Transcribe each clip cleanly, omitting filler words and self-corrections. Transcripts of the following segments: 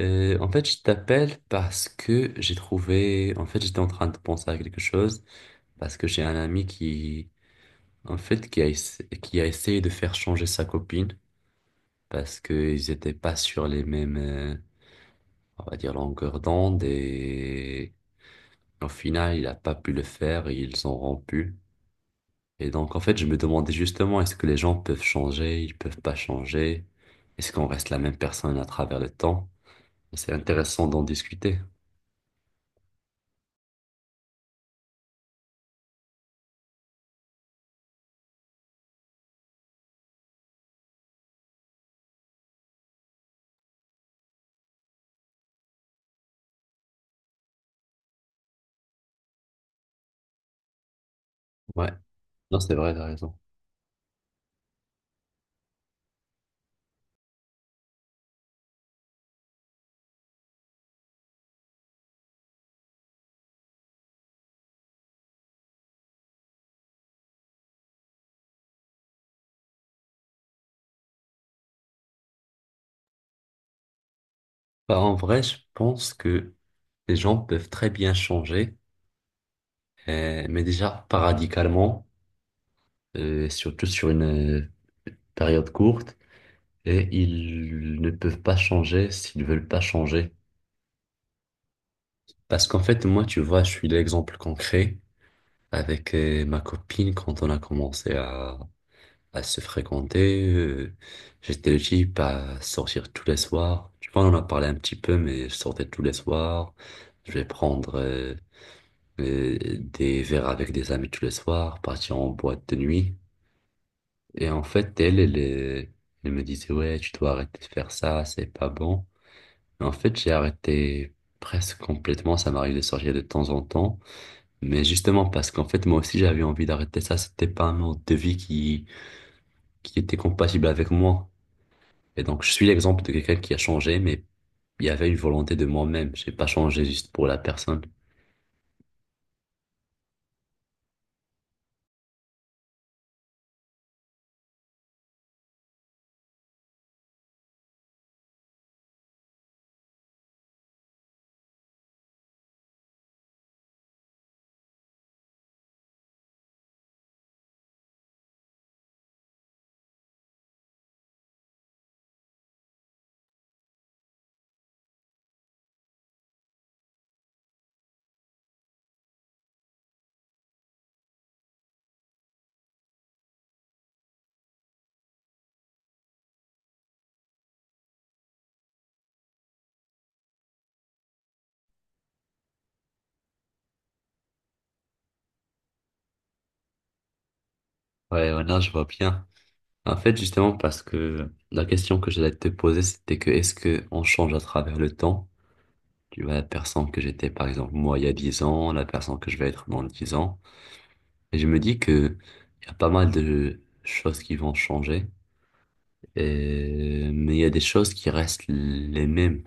En fait, je t'appelle parce que j'ai trouvé, en fait, j'étais en train de penser à quelque chose, parce que j'ai un ami qui, en fait, qui a essayé de faire changer sa copine, parce qu'ils n'étaient pas sur les mêmes, on va dire, longueurs d'onde, et au final, il a pas pu le faire, et ils ont rompu. Et donc, en fait, je me demandais justement, est-ce que les gens peuvent changer, ils peuvent pas changer? Est-ce qu'on reste la même personne à travers le temps? C'est intéressant d'en discuter. Ouais, non, c'est vrai, t'as raison. Bah, en vrai, je pense que les gens peuvent très bien changer, mais déjà pas radicalement, surtout sur une euh, période courte, et ils ne peuvent pas changer s'ils veulent pas changer. Parce qu'en fait, moi, tu vois, je suis l'exemple concret avec ma copine quand on a commencé à se fréquenter. J'étais le type à sortir tous les soirs. Tu vois, on en a parlé un petit peu, mais je sortais tous les soirs. Je vais prendre des verres avec des amis tous les soirs, partir en boîte de nuit. Et en fait, elle me disait, ouais, tu dois arrêter de faire ça, c'est pas bon. Mais en fait, j'ai arrêté presque complètement. Ça m'arrive de sortir de temps en temps. Mais justement, parce qu'en fait, moi aussi, j'avais envie d'arrêter ça. C'était pas un mode de vie qui était compatible avec moi. Et donc, je suis l'exemple de quelqu'un qui a changé, mais il y avait une volonté de moi-même. J'ai pas changé juste pour la personne. Ouais, voilà, je vois bien. En fait, justement, parce que la question que j'allais te poser, c'était que est-ce que on change à travers le temps? Tu vois, la personne que j'étais, par exemple, moi, il y a 10 ans, la personne que je vais être dans 10 ans. Et je me dis que il y a pas mal de choses qui vont changer. Mais il y a des choses qui restent les mêmes.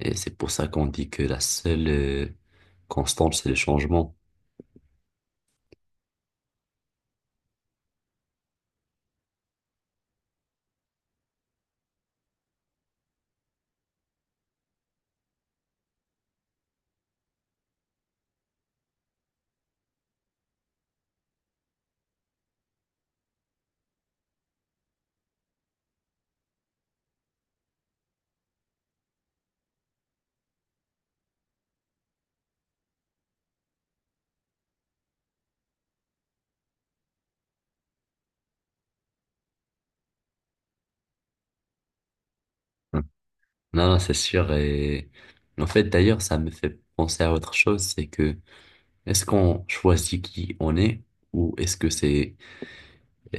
Et c'est pour ça qu'on dit que la seule constante, c'est le changement. Mm. Non, non, c'est sûr. Et en fait, d'ailleurs, ça me fait penser à autre chose, c'est que est-ce qu'on choisit qui on est ou est-ce que c'est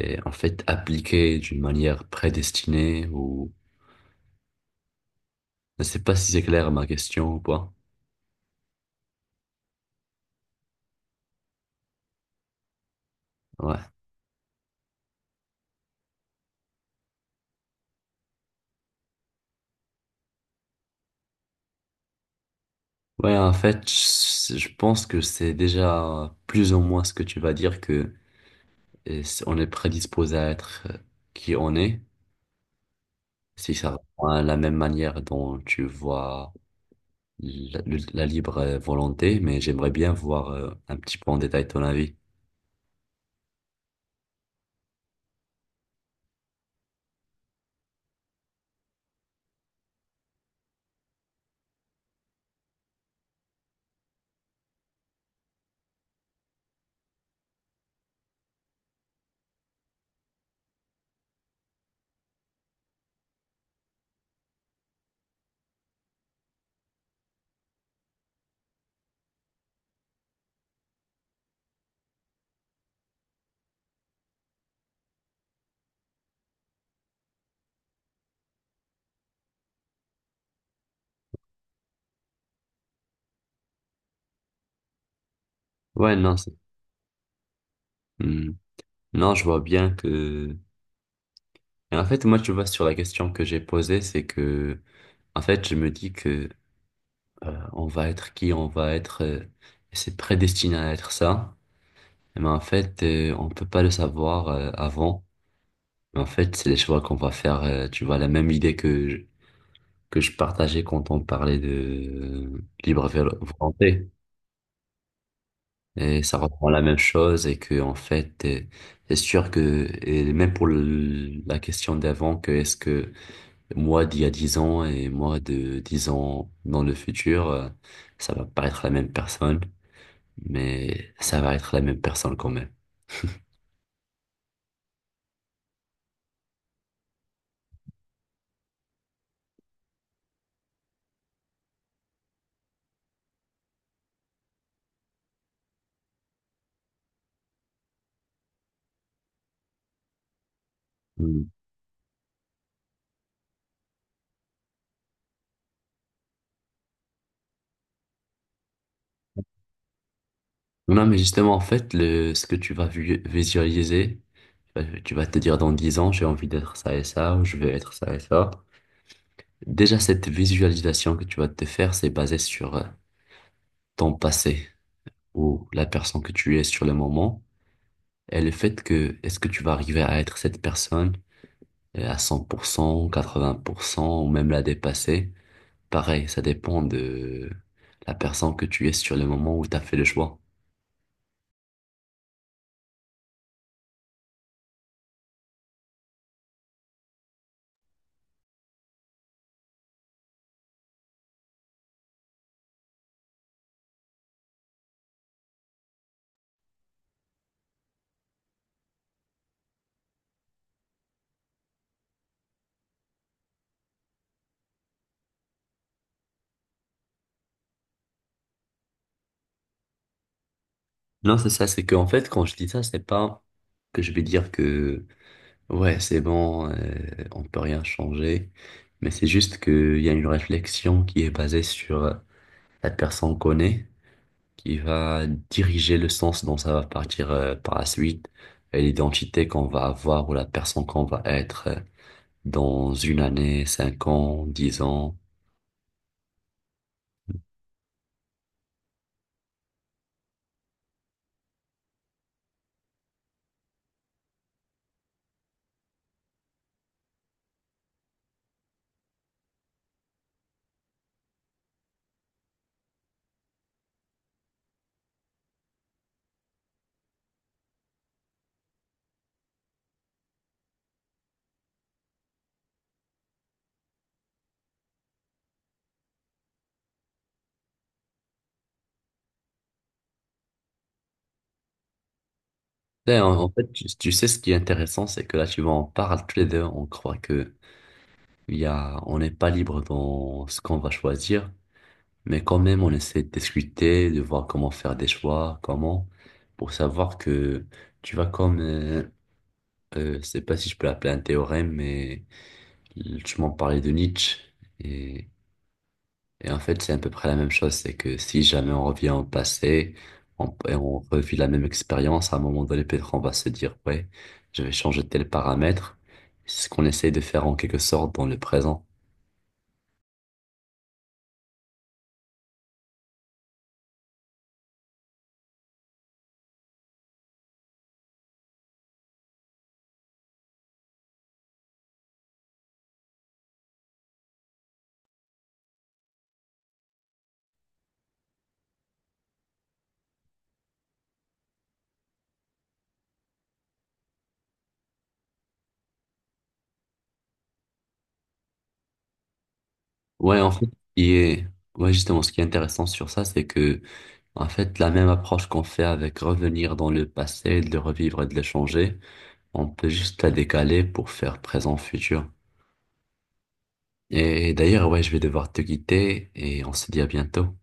en fait appliqué d'une manière prédestinée ou je sais pas si c'est clair ma question ou pas. Ouais. Ouais, en fait, je pense que c'est déjà plus ou moins ce que tu vas dire que. Et on est prédisposé à être qui on est, si ça, mhm, répond à la même manière dont tu vois la libre volonté, mais j'aimerais bien voir un petit peu en détail ton avis. Ouais, non, hmm. Non, je vois bien que... Et en fait, moi, tu vois, sur la question que j'ai posée, c'est que, en fait, je me dis que on va être qui on va être, c'est prédestiné à être ça, mais en fait, on peut pas le savoir avant. En fait, c'est les choix qu'on va faire, tu vois, la même idée que je partageais quand on parlait de libre volonté. Et ça reprend la même chose et que, en fait, c'est sûr que, et même pour la question d'avant, que est-ce que moi d'il y a 10 ans et moi de 10 ans dans le futur, ça va pas être la même personne, mais ça va être la même personne quand même. Mm. Non, mais justement, en fait, ce que tu vas visualiser, tu vas te dire dans 10 ans, j'ai envie d'être ça et ça, ou je vais être ça et ça. Déjà, cette visualisation que tu vas te faire, c'est basé sur ton passé ou la personne que tu es sur le moment et le fait que est-ce que tu vas arriver à être cette personne à 100% 80% ou même la dépasser. Pareil, ça dépend de la personne que tu es sur le moment où tu as fait le choix. Non, c'est ça, c'est qu'en fait, quand je dis ça, c'est pas que je vais dire que. Ouais, c'est bon, on peut rien changer. Mais c'est juste qu'il y a une réflexion qui est basée sur la personne qu'on est, qui va diriger le sens dont ça va partir par la suite, et l'identité qu'on va avoir ou la personne qu'on va être dans une année, 5 ans, 10 ans. Et en fait, tu sais, ce qui est intéressant, c'est que là, tu vois, on parle tous les deux, on croit que on n'est pas libre dans ce qu'on va choisir. Mais quand même, on essaie de discuter, de voir comment faire des choix, comment, pour savoir que tu vas comme, je sais pas si je peux l'appeler un théorème, mais tu m'en parlais de Nietzsche. Et, et en fait, c'est à peu près la même chose, c'est que si jamais on revient au passé, on, et on revit la même expérience, à un moment donné, peut-être on va se dire, ouais, je vais changer tel paramètre. C'est ce qu'on essaie de faire en quelque sorte dans le présent. Ouais, en fait, il est... ouais, justement, ce qui est intéressant sur ça, c'est que en fait, la même approche qu'on fait avec revenir dans le passé, de le revivre et de le changer, on peut juste la décaler pour faire présent, futur. Et d'ailleurs, ouais, je vais devoir te quitter et on se dit à bientôt.